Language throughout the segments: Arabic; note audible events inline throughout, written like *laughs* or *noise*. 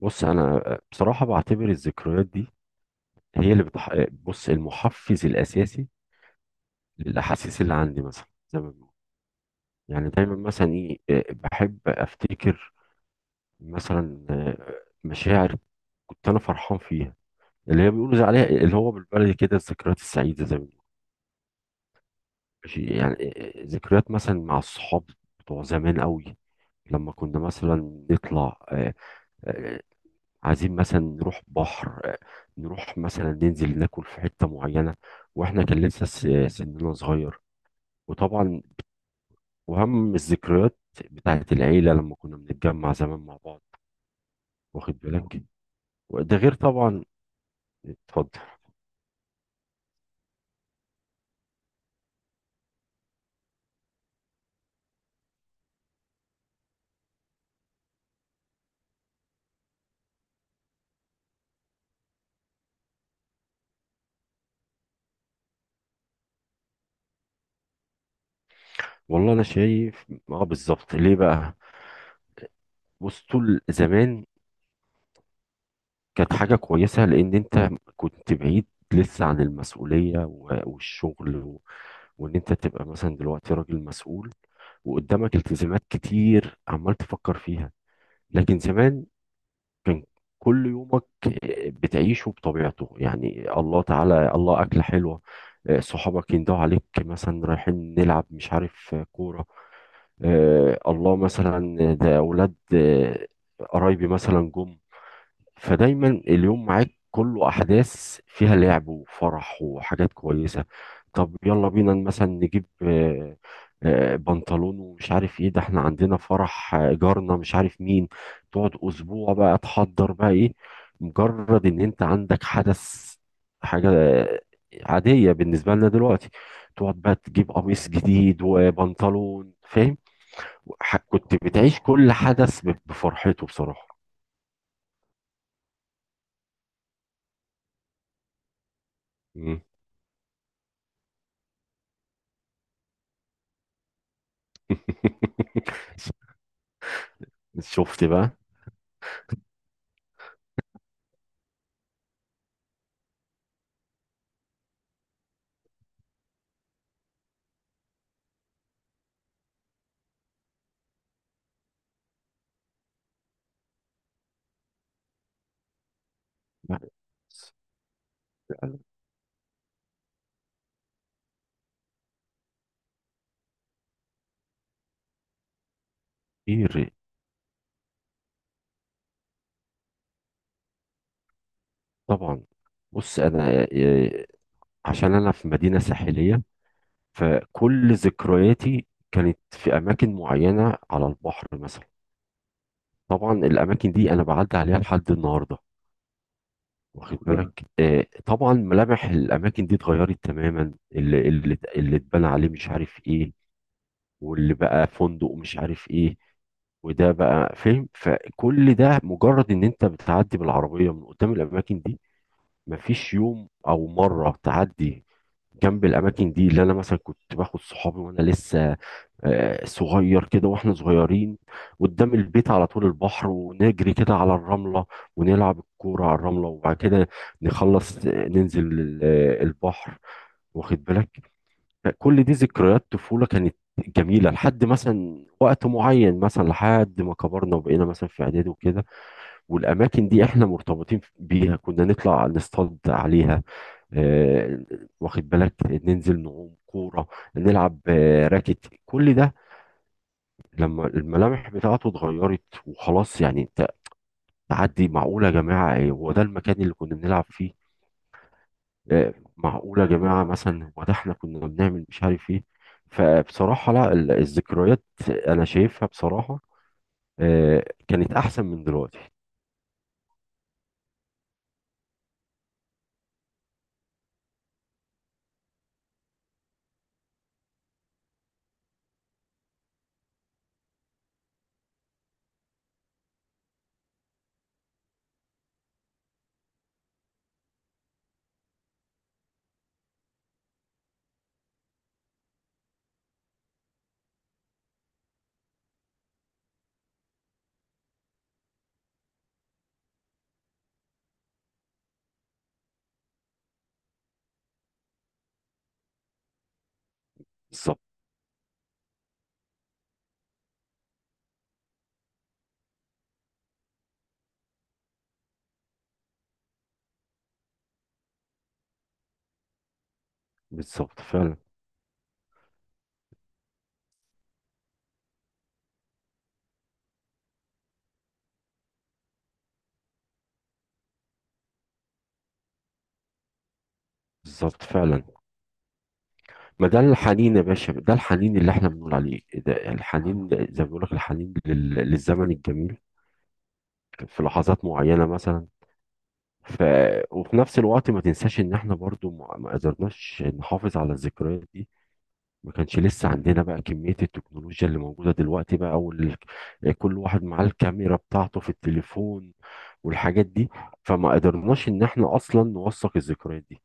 بص انا بصراحه بعتبر الذكريات دي بص المحفز الاساسي للاحاسيس اللي عندي، مثلا زي ما بنقول يعني. دايما مثلا ايه، بحب افتكر مثلا مشاعر كنت انا فرحان فيها، اللي هي بيقولوا زي عليها اللي هو بالبلدي كده الذكريات السعيده زي ما بنقول. ماشي، يعني ذكريات مثلا مع الصحاب بتوع زمان قوي. لما كنا مثلا نطلع آه، عايزين مثلا نروح بحر، نروح مثلا ننزل ناكل في حتة معينة، واحنا كان لسه سننا صغير. وطبعا وهم الذكريات بتاعت العيلة لما كنا بنتجمع زمان مع بعض، واخد بالك. وده غير طبعا. اتفضل. والله انا شايف اه بالظبط. ليه بقى؟ بص طول زمان كانت حاجة كويسة، لان انت كنت بعيد لسه عن المسؤولية والشغل وان انت تبقى مثلا دلوقتي راجل مسؤول وقدامك التزامات كتير عمال تفكر فيها. لكن زمان كان كل يومك بتعيشه بطبيعته، يعني الله تعالى الله، أكلة حلوة، صحابك يندهوا عليك مثلا رايحين نلعب مش عارف كورة، الله مثلا ده أولاد قرايبي مثلا جم. فدايما اليوم معاك كله احداث فيها لعب وفرح وحاجات كويسه. طب يلا بينا مثلا نجيب بنطلون ومش عارف ايه، ده احنا عندنا فرح جارنا مش عارف مين. تقعد اسبوع بقى تحضر بقى ايه، مجرد ان انت عندك حدث، حاجه عاديه بالنسبه لنا دلوقتي. تقعد بقى تجيب قميص جديد وبنطلون، فاهم؟ كنت بتعيش كل حدث بفرحته بصراحه. *laughs* شفت بقى. لا، كتير طبعا. بص انا عشان انا في مدينه ساحليه، فكل ذكرياتي كانت في اماكن معينه على البحر مثلا. طبعا الاماكن دي انا بعدي عليها لحد النهارده، واخد بالك. طبعا ملامح الاماكن دي اتغيرت تماما، اللي اتبنى عليه مش عارف ايه، واللي بقى فندق مش عارف ايه، وده بقى، فاهم. فكل ده مجرد ان انت بتعدي بالعربية من قدام الاماكن دي، مفيش يوم او مرة تعدي جنب الاماكن دي اللي انا مثلا كنت باخد صحابي وانا لسه صغير كده. واحنا صغيرين قدام البيت على طول البحر ونجري كده على الرملة ونلعب الكورة على الرملة، وبعد كده نخلص ننزل البحر، واخد بالك. كل دي ذكريات طفولة كانت جميلة لحد مثلا وقت معين، مثلا لحد ما كبرنا وبقينا مثلا في إعدادي وكده. والأماكن دي إحنا مرتبطين بيها، كنا نطلع نصطاد عليها آه، واخد بالك، ننزل نعوم كورة، نلعب راكت، كل ده. لما الملامح بتاعته اتغيرت وخلاص، يعني تعدي معقولة يا جماعة، إيه، هو ده المكان اللي كنا بنلعب فيه؟ معقولة يا جماعة مثلا هو ده احنا كنا بنعمل مش عارف ايه. فبصراحة لا، الذكريات أنا شايفها بصراحة كانت أحسن من دلوقتي. بالظبط. بالظبط فعلا. بالظبط فعلا. ما ده الحنين يا باشا، ده الحنين اللي احنا بنقول عليه، ده الحنين زي ما بيقول لك، الحنين للزمن الجميل في لحظات معينة مثلا. ف... وفي نفس الوقت ما تنساش ان احنا برضو ما قدرناش نحافظ على الذكريات دي. ما كانش لسه عندنا بقى كمية التكنولوجيا اللي موجودة دلوقتي بقى، كل واحد معاه الكاميرا بتاعته في التليفون والحاجات دي، فما قدرناش ان احنا اصلا نوثق الذكريات دي.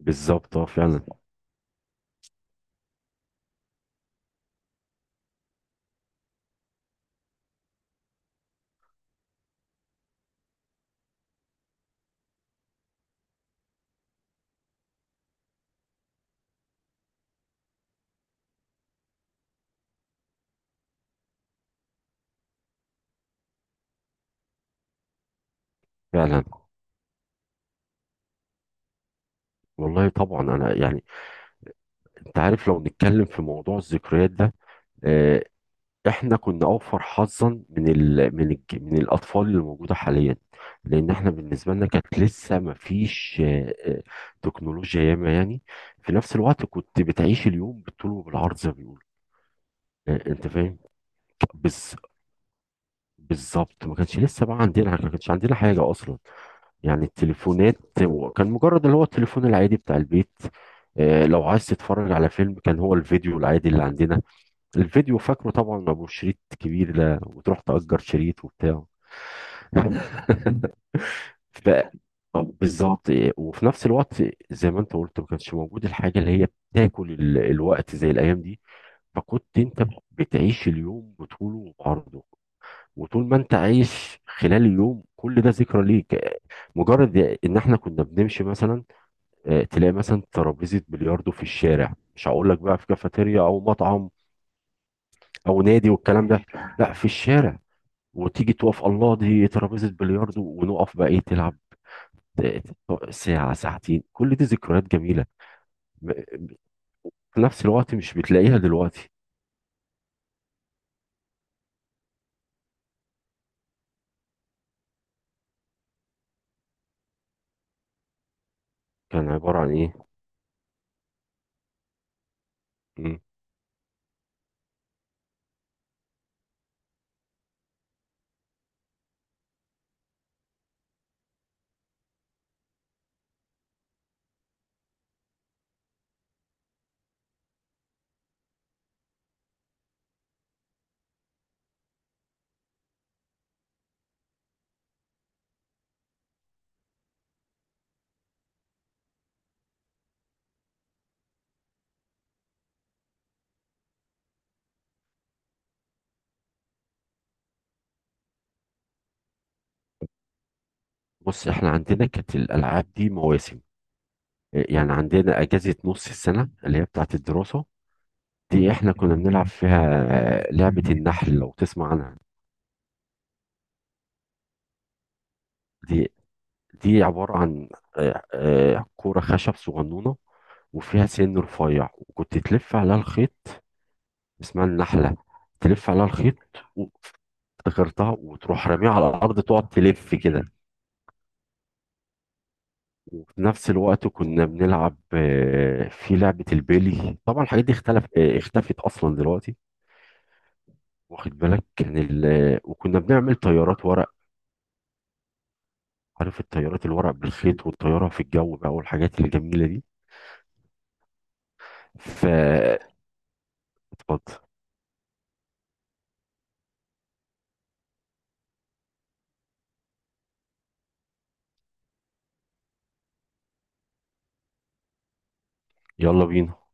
بالظبط، اه فعلا. فعلا. والله طبعا انا يعني، انت عارف لو نتكلم في موضوع الذكريات ده آه، احنا كنا اوفر حظا من الاطفال اللي موجوده حاليا، لان احنا بالنسبه لنا كانت لسه ما فيش تكنولوجيا ياما، يعني في نفس الوقت كنت بتعيش اليوم بالطول وبالعرض زي ما بيقولوا. انت فاهم. بز بالظبط، ما كانش لسه بقى عندنا، ما كانش عندنا حاجه اصلا. يعني التليفونات هو كان مجرد اللي هو التليفون العادي بتاع البيت. لو عايز تتفرج على فيلم كان هو الفيديو العادي اللي عندنا، الفيديو فاكره طبعا، ما ابو شريط كبير ده، وتروح تأجر شريط وبتاع. *laughs* بقى بالظبط. وفي نفس الوقت زي ما انت قلت، ما كانش موجود الحاجه اللي هي بتاكل الوقت زي الايام دي، فكنت انت بتعيش اليوم بطوله وبعرضه. وطول ما انت عايش خلال اليوم كل ده ذكرى ليك. مجرد ان احنا كنا بنمشي مثلا تلاقي مثلا ترابيزه بلياردو في الشارع، مش هقول لك بقى في كافيتيريا او مطعم او نادي والكلام ده، لا، في الشارع. وتيجي تقف، الله دي ترابيزة بلياردو، ونقف بقى ايه تلعب ساعة ساعتين، كل دي ذكريات جميلة. م- في نفس الوقت مش بتلاقيها دلوقتي. كان عبارة عن ايه؟ مم. بص احنا عندنا كانت الألعاب دي مواسم، يعني عندنا أجازة نص السنة اللي هي بتاعت الدراسة، دي احنا كنا بنلعب فيها لعبة النحل، لو تسمع عنها. دي دي عبارة عن كورة خشب صغنونة وفيها سن رفيع، وكنت تلف عليها الخيط، اسمها النحلة. تلف عليها الخيط و- افتكرتها، وتروح راميها على الأرض تقعد تلف كده. وفي نفس الوقت كنا بنلعب في لعبة البيلي، طبعا الحاجات دي اختلف آه، اختفت أصلا دلوقتي، واخد بالك. كان ال... آه، وكنا بنعمل طيارات ورق، عارف الطيارات الورق بالخيط والطيارة في الجو بقى والحاجات الجميلة دي. فاتفضل. يلا بينا.